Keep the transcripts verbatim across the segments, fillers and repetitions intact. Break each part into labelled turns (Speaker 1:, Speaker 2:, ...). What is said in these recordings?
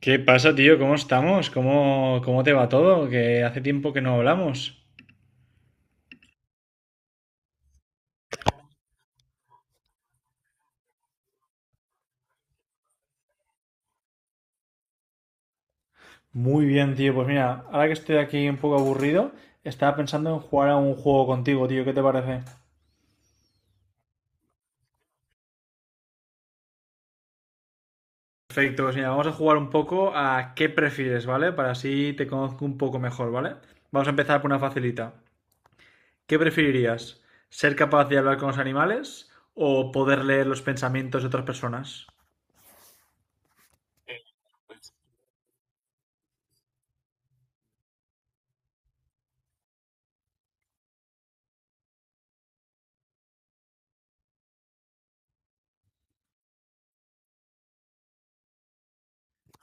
Speaker 1: ¿Qué pasa, tío? ¿Cómo estamos? ¿Cómo, cómo te va todo? Que hace tiempo que no hablamos. Muy bien, tío. Pues mira, ahora que estoy aquí un poco aburrido, estaba pensando en jugar a un juego contigo, tío. ¿Qué te parece? Perfecto, pues mira, vamos a jugar un poco a qué prefieres, ¿vale? Para así te conozco un poco mejor, ¿vale? Vamos a empezar por una facilita. ¿Qué preferirías? ¿Ser capaz de hablar con los animales o poder leer los pensamientos de otras personas?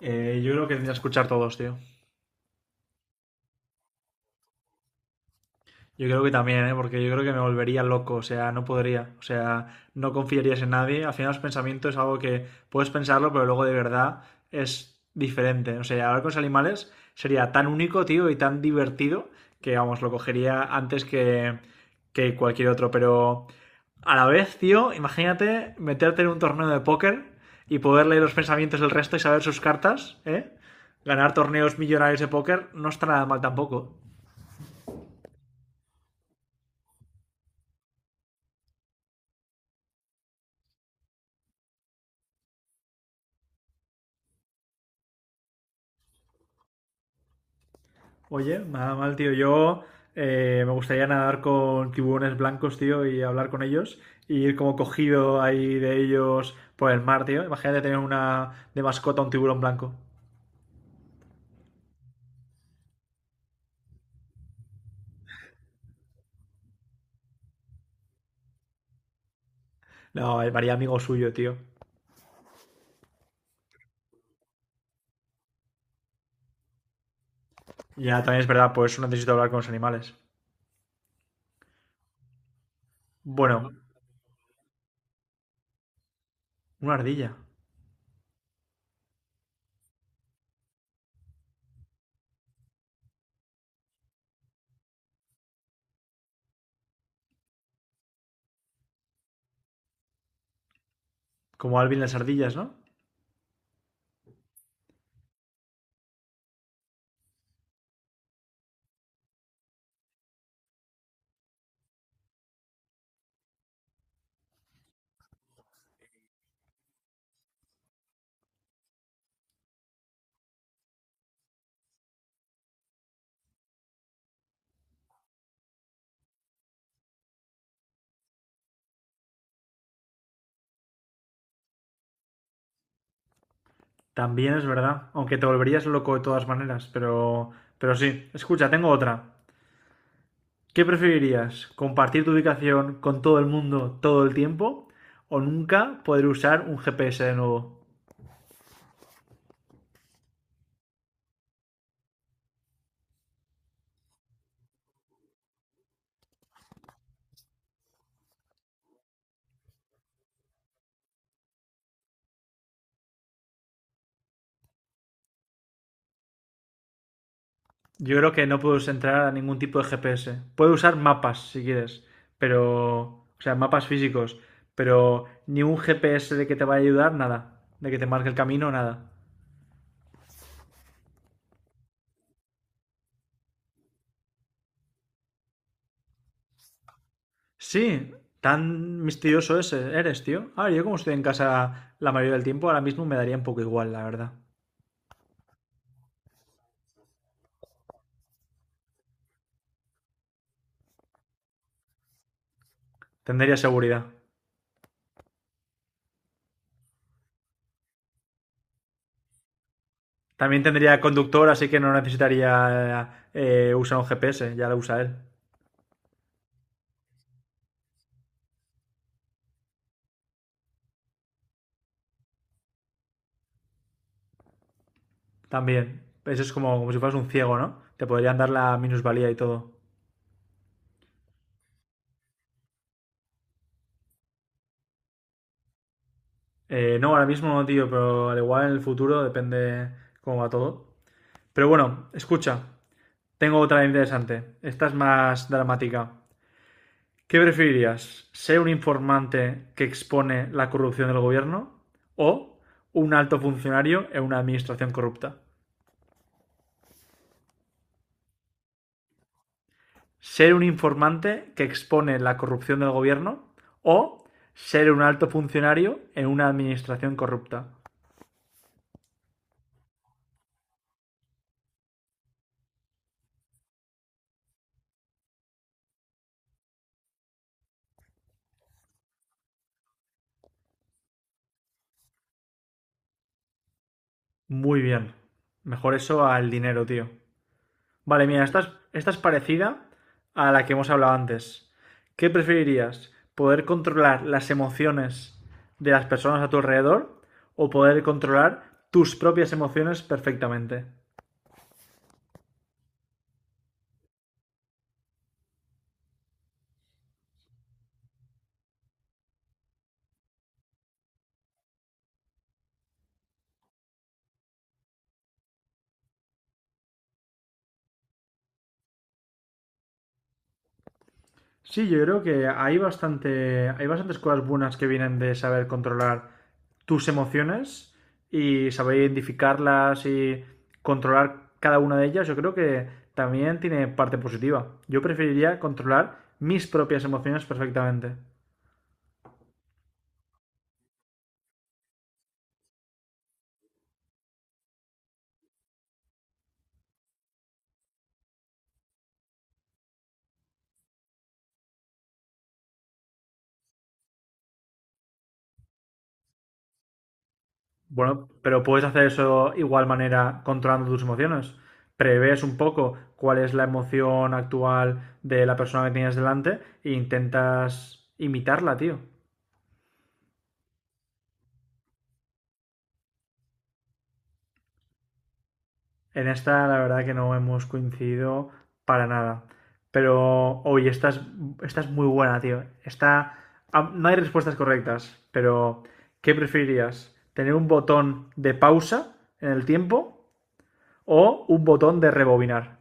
Speaker 1: Eh, yo creo que tendría que escuchar todos, tío. Yo creo que también, ¿eh?, porque yo creo que me volvería loco, o sea, no podría, o sea, no confiarías en nadie. Al final los pensamientos es algo que puedes pensarlo, pero luego de verdad es diferente. O sea, hablar con los animales sería tan único, tío, y tan divertido que, vamos, lo cogería antes que, que cualquier otro. Pero a la vez, tío, imagínate meterte en un torneo de póker y poder leer los pensamientos del resto y saber sus cartas, ¿eh? Ganar torneos millonarios de póker no está nada mal tampoco. Oye, nada mal, tío. Yo eh, me gustaría nadar con tiburones blancos, tío, y hablar con ellos. Y ir como cogido ahí de ellos por el mar, tío. Imagínate tener una de mascota un tiburón blanco. No, me haría amigo suyo, tío. Ya, también es verdad, pues no necesito hablar con los animales. Bueno, una ardilla. Como Alvin las ardillas, ¿no? También es verdad. Aunque te volverías loco de todas maneras, pero... Pero sí. Escucha, tengo otra. ¿Qué preferirías? ¿Compartir tu ubicación con todo el mundo todo el tiempo? ¿O nunca poder usar un G P S de nuevo? Yo creo que no puedes entrar a ningún tipo de G P S. Puedes usar mapas si quieres, pero... O sea, mapas físicos, pero ni un G P S de que te vaya a ayudar, nada. De que te marque el camino, nada. Sí, tan misterioso ese eres, tío. A ver, yo como estoy en casa la mayoría del tiempo, ahora mismo me daría un poco igual, la verdad. Tendría seguridad. También tendría conductor, así que no necesitaría eh, usar un G P S, ya lo usa él. También. Eso es como, como si fueras un ciego, ¿no? Te podrían dar la minusvalía y todo. Eh, no, ahora mismo no, tío, pero al igual en el futuro depende cómo va todo. Pero bueno, escucha, tengo otra interesante. Esta es más dramática. ¿Qué preferirías? ¿Ser un informante que expone la corrupción del gobierno o un alto funcionario en una administración corrupta? Ser un informante que expone la corrupción del gobierno o ser un alto funcionario en una administración corrupta. Muy bien. Mejor eso al dinero, tío. Vale, mira, esta es, esta es parecida a la que hemos hablado antes. ¿Qué preferirías? ¿Poder controlar las emociones de las personas a tu alrededor o poder controlar tus propias emociones perfectamente? Sí, yo creo que hay bastante, hay bastantes cosas buenas que vienen de saber controlar tus emociones y saber identificarlas y controlar cada una de ellas. Yo creo que también tiene parte positiva. Yo preferiría controlar mis propias emociones perfectamente. Bueno, pero puedes hacer eso igual manera controlando tus emociones. Prevés un poco cuál es la emoción actual de la persona que tienes delante e intentas imitarla, tío. En esta la verdad que no hemos coincidido para nada. Pero, oye, esta es, esta es muy buena, tío. Esta, ah, no hay respuestas correctas, pero ¿qué preferirías? ¿Tener un botón de pausa en el tiempo o un botón de rebobinar?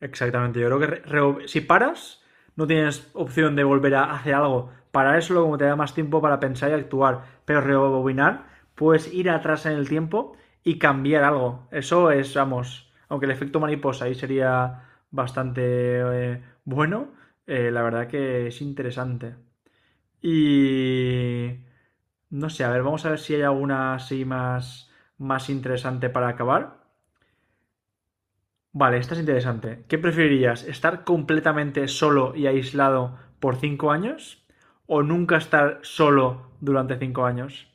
Speaker 1: Exactamente, yo creo que re- re- si paras, no tienes opción de volver a hacer algo. Parar es solo como te da más tiempo para pensar y actuar, pero rebobinar, puedes ir atrás en el tiempo y cambiar algo. Eso es, vamos, aunque el efecto mariposa ahí sería bastante eh, bueno, eh, la verdad que es interesante. Y... No sé, a ver, vamos a ver si hay alguna así más, más interesante para acabar. Vale, esta es interesante. ¿Qué preferirías? ¿Estar completamente solo y aislado por cinco años? ¿O nunca estar solo durante cinco años?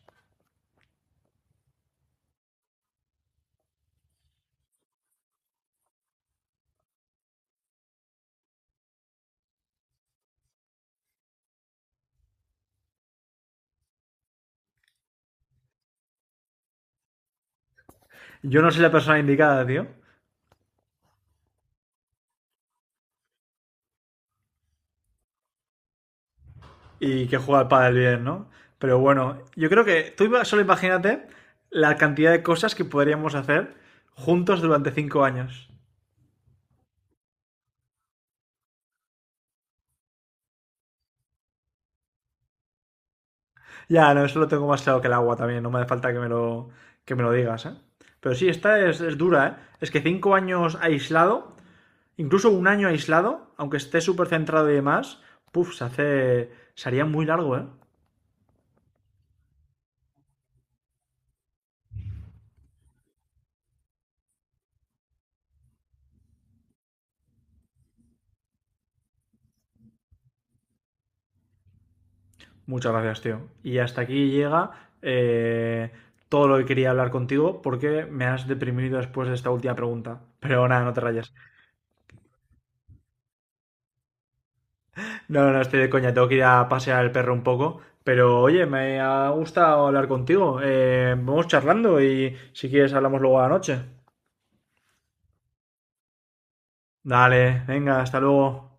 Speaker 1: Yo no soy la persona indicada, tío. Y que juega al pádel bien, ¿no? Pero bueno, yo creo que tú iba- solo imagínate la cantidad de cosas que podríamos hacer juntos durante cinco años. Ya, no, eso lo tengo más claro que el agua también. No me hace falta que me lo, que me lo digas, ¿eh? Pero sí, esta es, es dura, ¿eh? Es que cinco años aislado. Incluso un año aislado, aunque esté súper centrado y demás, puff, se hace. Se haría muy largo, ¿eh? Muchas gracias, tío. Y hasta aquí llega eh, todo lo que quería hablar contigo porque me has deprimido después de esta última pregunta. Pero nada, no te rayes. No, no, estoy de coña. Tengo que ir a pasear al perro un poco. Pero oye, me ha gustado hablar contigo. Eh, vamos charlando y si quieres hablamos luego a la noche. Dale, venga, hasta luego.